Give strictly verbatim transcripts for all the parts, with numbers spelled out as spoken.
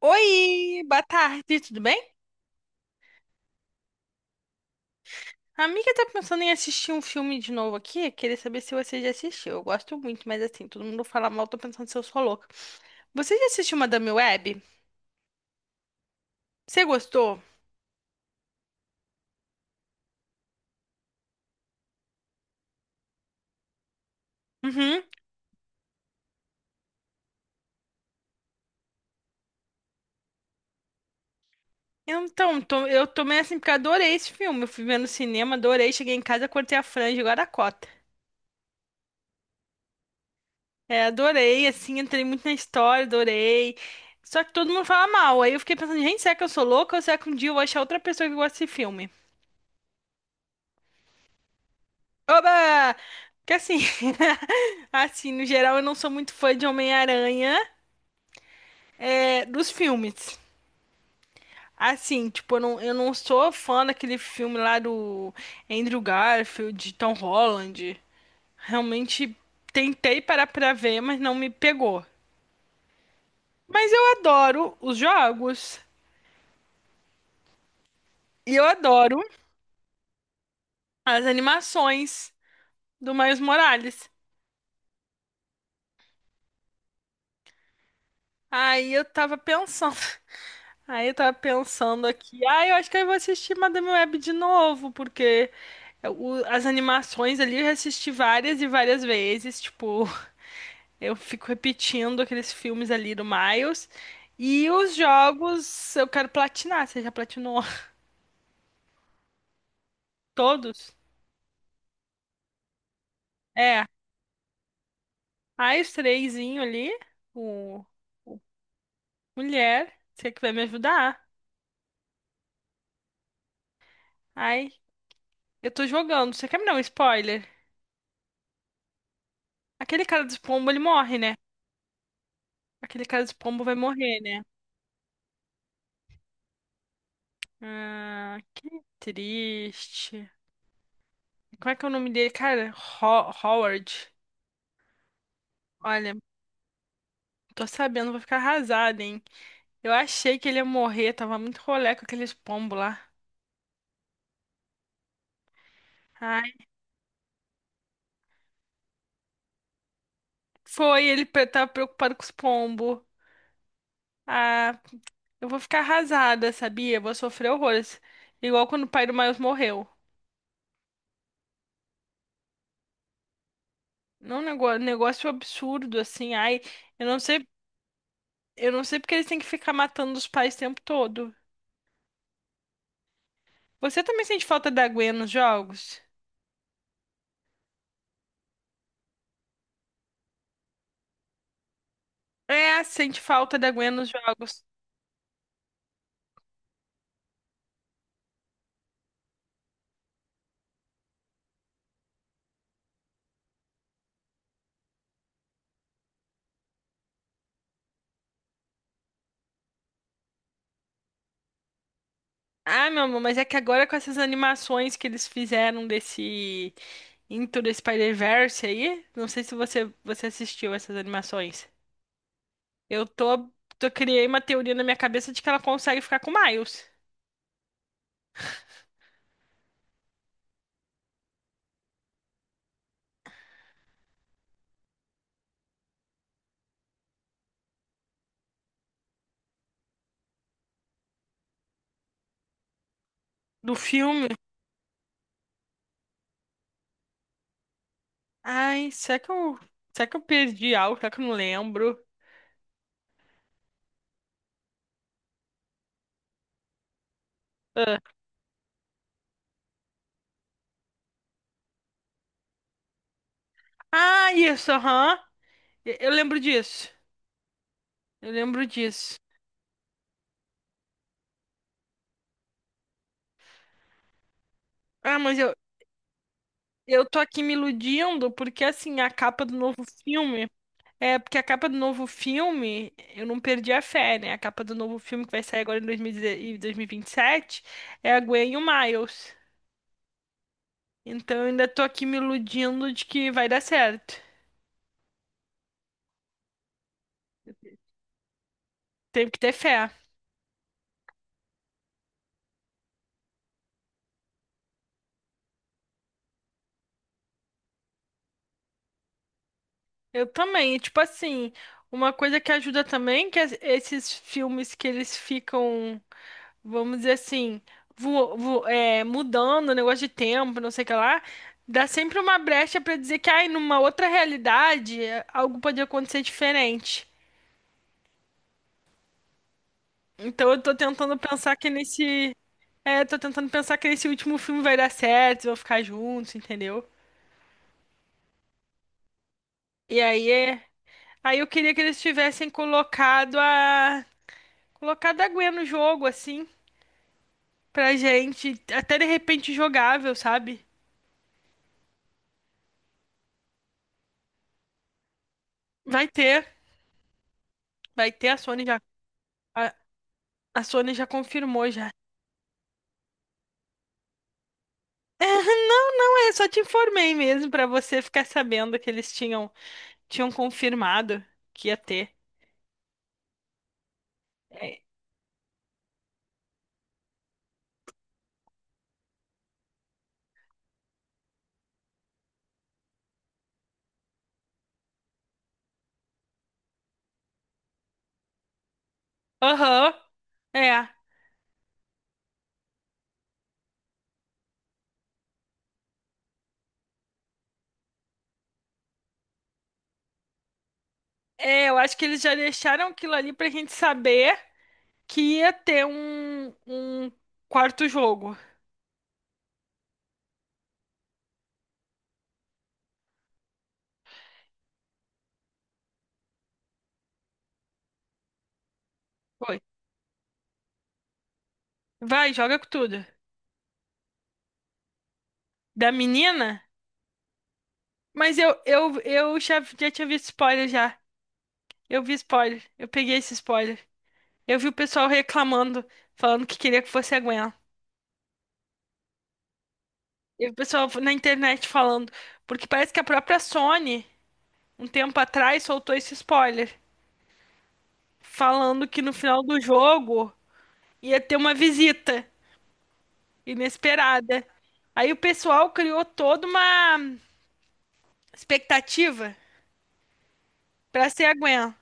Oi, boa tarde, tudo bem? A amiga tá pensando em assistir um filme de novo aqui, queria saber se você já assistiu. Eu gosto muito, mas assim, todo mundo fala mal, tô pensando se eu sou louca. Você já assistiu Madame Web? Você gostou? Uhum. Então, tô- eu tomei assim porque eu adorei esse filme. Eu fui ver no cinema, adorei, cheguei em casa, cortei a franja, agora a cota. É, adorei, assim, entrei muito na história, adorei. Só que todo mundo fala mal. Aí eu fiquei pensando, gente, será que eu sou louca ou será que um dia eu vou achar outra pessoa que gosta desse filme? Oba! Que assim, assim, no geral eu não sou muito fã de Homem-Aranha, é, dos filmes. Assim, tipo, eu não, eu não sou fã daquele filme lá do Andrew Garfield, Tom Holland. Realmente tentei parar pra ver, mas não me pegou. Mas eu adoro os jogos e eu adoro as animações do Miles Morales. Aí eu tava pensando. Aí eu tava pensando aqui, ah, eu acho que eu vou assistir Madame Web de novo, porque o- as animações ali eu já assisti várias e várias vezes, tipo, eu fico repetindo aqueles filmes ali do Miles. E os jogos eu quero platinar, você já platinou todos? É, aí os trêsinho ali, o, o mulher, você que vai me ajudar? Ai, eu tô jogando, você quer me dar um spoiler? Aquele cara dos pombo, ele morre, né? Aquele cara dos pombo vai morrer, né? Ah, que triste. Como é que é o nome dele, cara? Ho- Howard. Olha, tô sabendo, vou ficar arrasada, hein? Eu achei que ele ia morrer, tava muito rolé com aqueles pombos lá. Ai, foi, ele pre- tava preocupado com os pombos. Ah, eu vou ficar arrasada, sabia? Vou sofrer horrores. Igual quando o pai do Miles morreu. Não, negócio, negócio absurdo, assim. Ai, eu não sei, eu não sei porque eles têm que ficar matando os pais o tempo todo. Você também sente falta da Gwen nos jogos? É, sente falta da Gwen nos jogos. Ah, meu amor, mas é que agora com essas animações que eles fizeram desse Into the Spider-Verse aí, não sei se você, você assistiu essas animações. Eu tô, tô criei uma teoria na minha cabeça de que ela consegue ficar com o Miles do filme. Ai, será que eu, será que eu perdi algo? Será que eu não lembro? Ah, ah, isso, aham. Eu eu lembro disso. Eu lembro disso. Ah, mas eu, eu tô aqui me iludindo porque assim, a capa do novo filme. É, porque a capa do novo filme, eu não perdi a fé, né? A capa do novo filme que vai sair agora em dois mil e dezesseis dois mil e vinte e sete é a Gwen e o Miles. Então eu ainda tô aqui me iludindo de que vai dar certo. Tenho que ter fé. Eu também, e, tipo assim, uma coisa que ajuda também é que es- esses filmes que eles ficam, vamos dizer assim, vo- vo- é, mudando o negócio de tempo, não sei o que lá, dá sempre uma brecha pra dizer que, ai, numa outra realidade, é, algo pode acontecer diferente. Então eu tô tentando pensar que nesse. É, tô tentando pensar que nesse último filme vai dar certo, vão ficar juntos, entendeu? E aí é. Aí eu queria que eles tivessem colocado a. Colocado a Gwen no jogo, assim, pra gente. Até de repente jogável, sabe? Vai ter. Vai ter, a Sony já. A, a Sony já confirmou já. Não, é, só te informei mesmo pra você ficar sabendo que eles tinham tinham confirmado que ia ter. É. Aham. É. É, eu acho que eles já deixaram aquilo ali pra gente saber que ia ter um, um quarto jogo. Foi. Vai, joga com tudo. Da menina? Mas eu, eu, eu já, já tinha visto spoiler já. Eu vi spoiler. Eu peguei esse spoiler. Eu vi o pessoal reclamando, falando que queria que fosse a Gwen. E o pessoal na internet falando. Porque parece que a própria Sony, um tempo atrás, soltou esse spoiler. Falando que no final do jogo ia ter uma visita inesperada. Aí o pessoal criou toda uma expectativa pra ser a Gwen. Não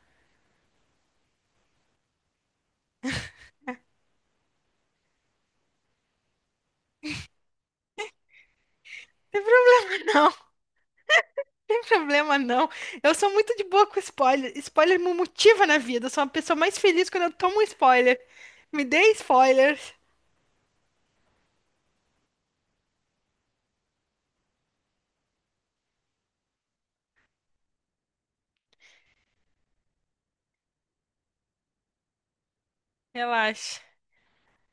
Tem pro- Não, Não tem problema não. Eu sou muito de boa com spoiler. Spoiler me motiva na vida. Eu sou uma pessoa mais feliz quando eu tomo um spoiler. Me dê spoilers. Relaxa.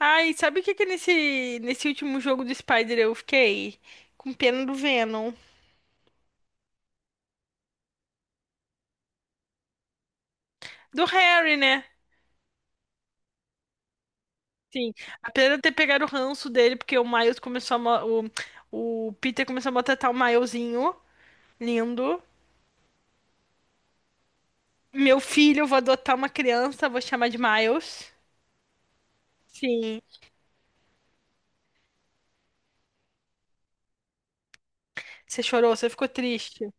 Ai, sabe o que que nesse, nesse último jogo do Spider eu fiquei? Com pena do Venom. Do Harry, né? Sim. Apesar de eu ter pegado o ranço dele, porque o Miles começou a... mo- O, o Peter começou a maltratar o Milesinho. Lindo. Meu filho, eu vou adotar uma criança, vou chamar de Miles. Sim. Você chorou, você ficou triste.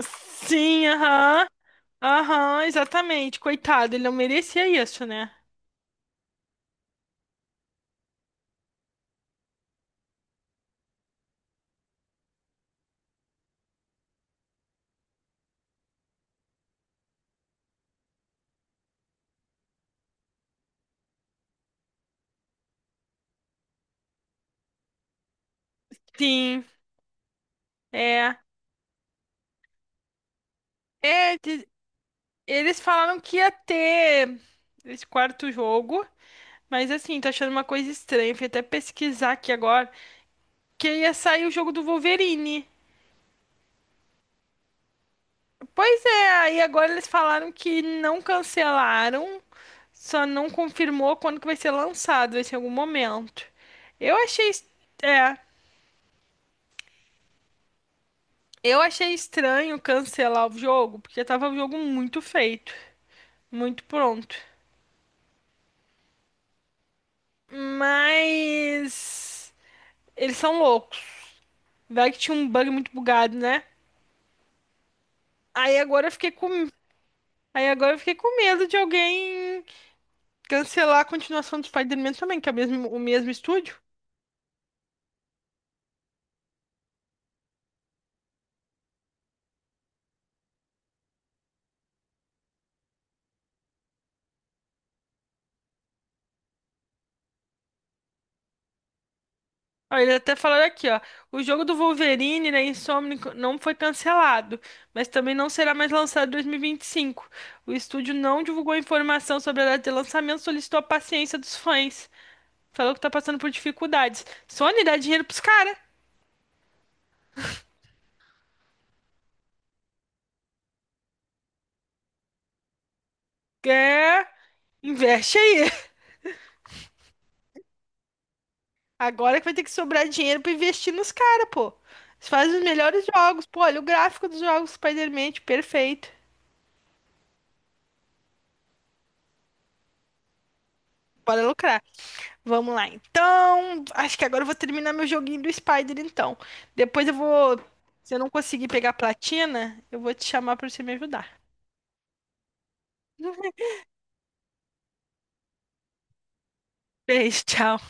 Sim, aham. Aham, exatamente. Coitado, ele não merecia isso, né? Sim, é. É, de- eles falaram que ia ter esse quarto jogo, mas assim, tô achando uma coisa estranha. Fui até pesquisar aqui agora, que ia sair o jogo do Wolverine. Pois é, aí agora eles falaram que não cancelaram, só não confirmou quando que vai ser lançado, vai ser em algum momento. Eu achei, es- é, eu achei estranho cancelar o jogo, porque tava o jogo muito feito, muito pronto. Mas eles são loucos. Vai que tinha um bug muito bugado, né? Aí agora eu fiquei com, aí agora eu fiquei com medo de alguém cancelar a continuação do Spider-Man também, que é o mesmo, o mesmo estúdio. Ó, eles até falaram aqui, ó. O jogo do Wolverine, né, Insomniac, não foi cancelado, mas também não será mais lançado em dois mil e vinte e cinco. O estúdio não divulgou informação sobre a data de lançamento, solicitou a paciência dos fãs. Falou que tá passando por dificuldades. Sony dá dinheiro pros caras. É, investe aí. Agora que vai ter que sobrar dinheiro pra investir nos caras, pô. Eles fazem os melhores jogos. Pô, olha o gráfico dos jogos Spider-Man, perfeito. Bora lucrar. Vamos lá, então. Acho que agora eu vou terminar meu joguinho do Spider, então. Depois eu vou. Se eu não conseguir pegar platina, eu vou te chamar pra você me ajudar. Beijo, tchau.